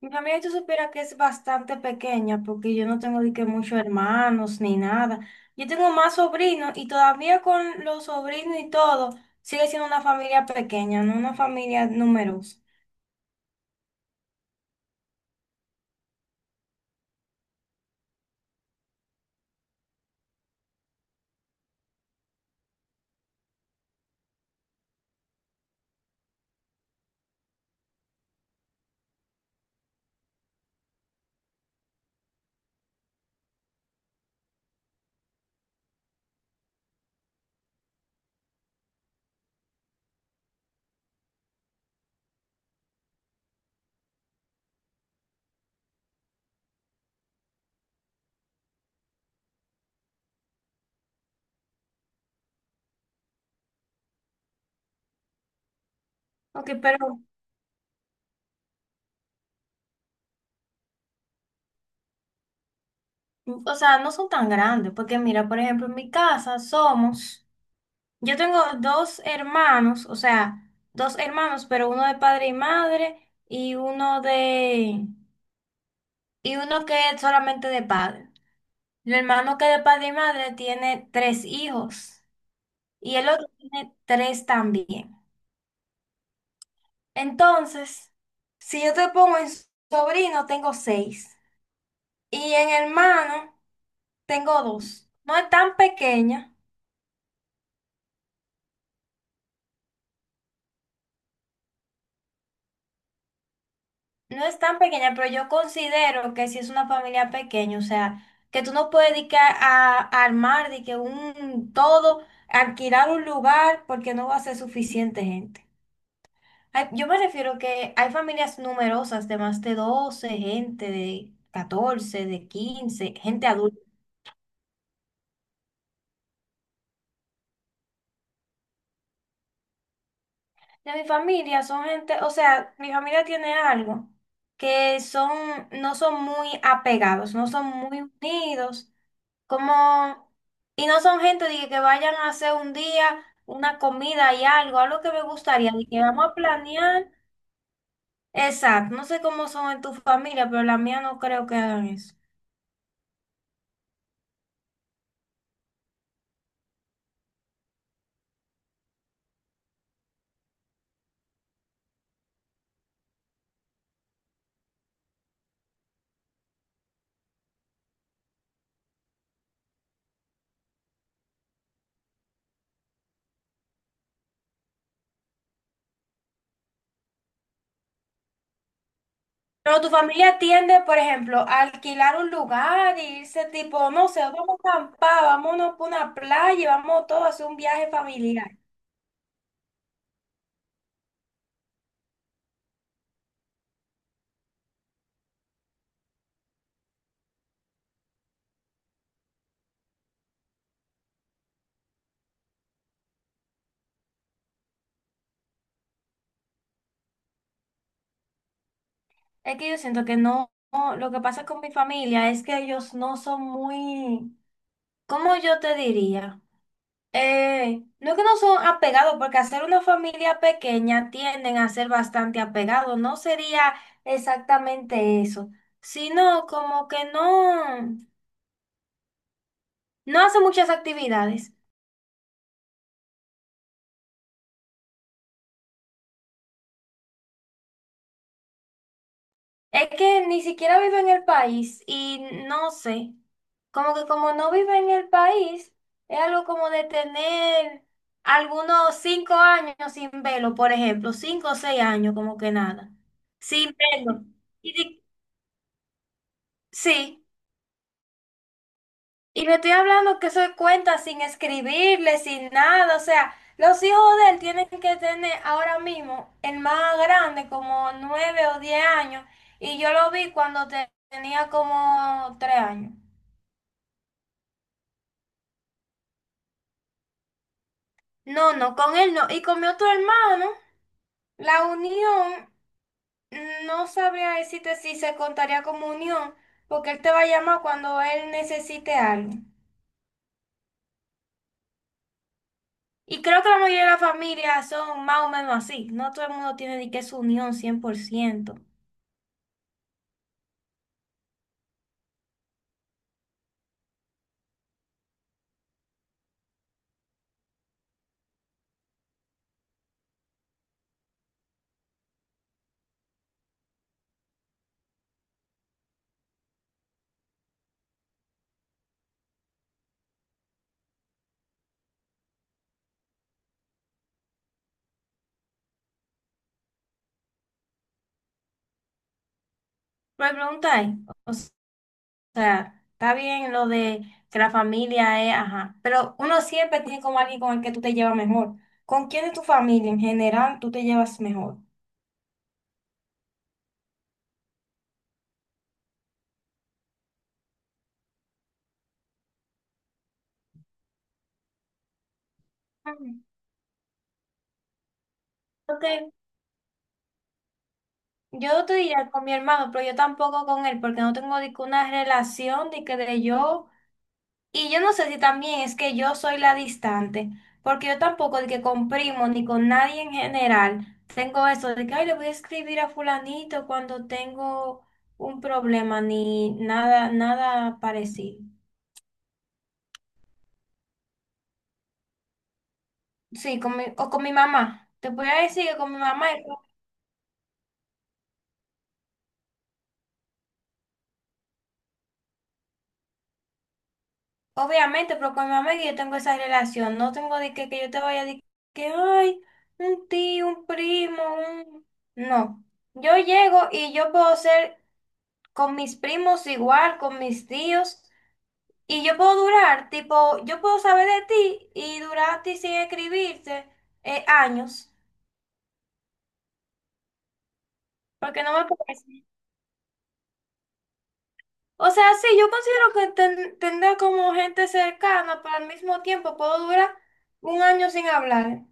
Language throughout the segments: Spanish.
Mi familia, tú supieras que es bastante pequeña porque yo no tengo de que muchos hermanos ni nada. Yo tengo más sobrinos y todavía con los sobrinos y todo, sigue siendo una familia pequeña, no una familia numerosa. Ok, pero, o sea, no son tan grandes porque mira, por ejemplo, en mi casa somos, yo tengo dos hermanos, o sea, dos hermanos, pero uno de padre y madre y uno y uno que es solamente de padre. El hermano que de padre y madre tiene tres hijos y el otro tiene tres también. Entonces, si yo te pongo en sobrino, tengo seis y en hermano tengo dos. No es tan pequeña, pero yo considero que si es una familia pequeña, o sea, que tú no puedes dedicar a armar de que un todo, alquilar un lugar porque no va a ser suficiente gente. Ay, yo me refiero que hay familias numerosas de más de 12 gente, de catorce, de 15 gente adulta. De mi familia son gente, o sea, mi familia tiene algo que son, no son muy apegados, no son muy unidos, como, y no son gente de que vayan a hacer un día una comida y algo, algo que me gustaría, de que vamos a planear. Exacto, no sé cómo son en tu familia, pero la mía no creo que hagan eso. Pero tu familia tiende, por ejemplo, a alquilar un lugar y irse tipo, no sé, vamos a acampar, vámonos por una playa, y vamos todos a hacer un viaje familiar. Es que yo siento que no, lo que pasa con mi familia es que ellos no son muy, ¿cómo yo te diría? No es que no son apegados, porque hacer una familia pequeña tienden a ser bastante apegados, no sería exactamente eso, sino como que no, no hace muchas actividades. Es que ni siquiera vive en el país y no sé, como que como no vive en el país, es algo como de tener algunos cinco años sin verlo, por ejemplo, cinco o seis años, como que nada, sin verlo. Y sí. Y le estoy hablando que soy cuenta sin escribirle, sin nada. O sea, los hijos de él tienen que tener ahora mismo el más grande, como nueve o diez años. Y yo lo vi cuando tenía como tres años. No, no, con él no. Y con mi otro hermano, la unión, no sabría decirte si se contaría como unión, porque él te va a llamar cuando él necesite algo. Y creo que la mayoría de las familias son más o menos así. No todo el mundo tiene ni que su unión 100%. Pero me preguntáis, o sea, está bien lo de que la familia es, ajá, pero uno siempre tiene como alguien con el que tú te llevas mejor. ¿Con quién de tu familia en general tú te llevas mejor? Ujú. Ok, yo te diría con mi hermano, pero yo tampoco con él, porque no tengo ni que una relación de que de yo. Y yo no sé si también es que yo soy la distante, porque yo tampoco de que con primo ni con nadie en general tengo eso de que ay, le voy a escribir a fulanito cuando tengo un problema ni nada, nada parecido. Sí, con mi, o con mi mamá. Te voy a decir que con mi mamá, obviamente, pero con mi mamá es que yo tengo esa relación. No tengo de que yo te vaya a decir que ay, un tío, un primo, un... No. Yo llego y yo puedo ser con mis primos igual, con mis tíos, y yo puedo durar, tipo, yo puedo saber de ti y durar a ti sin escribirte años, porque no me parece. O sea, sí, yo considero que tendré como gente cercana, pero al mismo tiempo puedo durar un año sin hablar.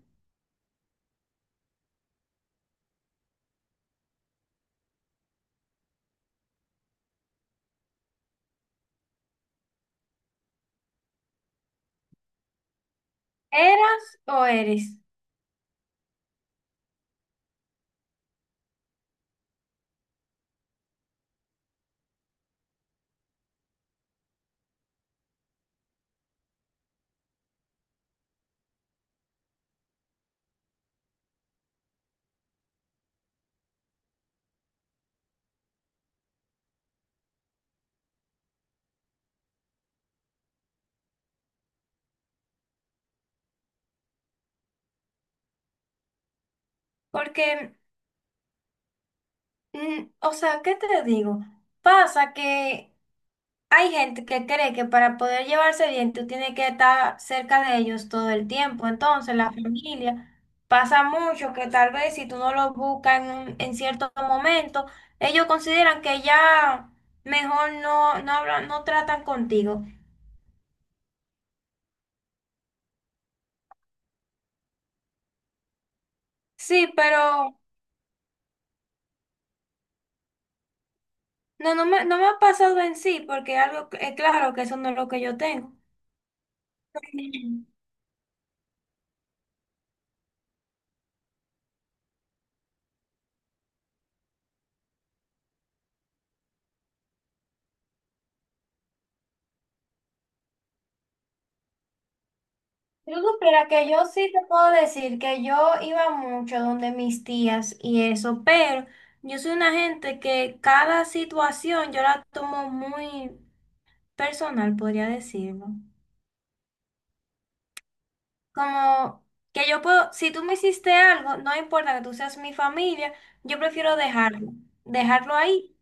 ¿Eras o eres? Porque, o sea, ¿qué te digo? Pasa que hay gente que cree que para poder llevarse bien tú tienes que estar cerca de ellos todo el tiempo. Entonces, la familia pasa mucho que tal vez si tú no los buscas en, en cierto momento, ellos consideran que ya mejor no, no hablan, no tratan contigo. Sí, pero no me ha pasado en sí, porque algo, es claro que eso no es lo que yo tengo. Si tú supieras que yo sí te puedo decir que yo iba mucho donde mis tías y eso, pero yo soy una gente que cada situación yo la tomo muy personal, podría decirlo. Como que yo puedo, si tú me hiciste algo, no importa que tú seas mi familia, yo prefiero dejarlo ahí.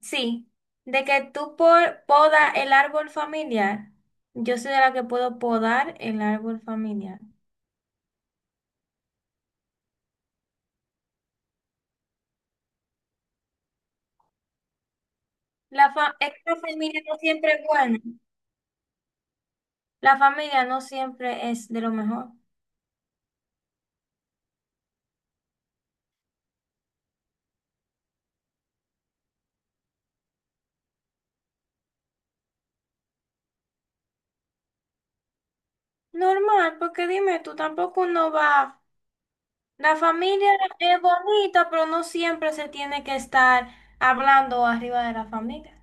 Sí, de que tú por, poda el árbol familiar, yo soy de la que puedo podar el árbol familiar. Es que la familia no siempre es buena. La familia no siempre es de lo mejor. Normal, porque dime, tú tampoco no vas. La familia es bonita, pero no siempre se tiene que estar hablando arriba de la familia.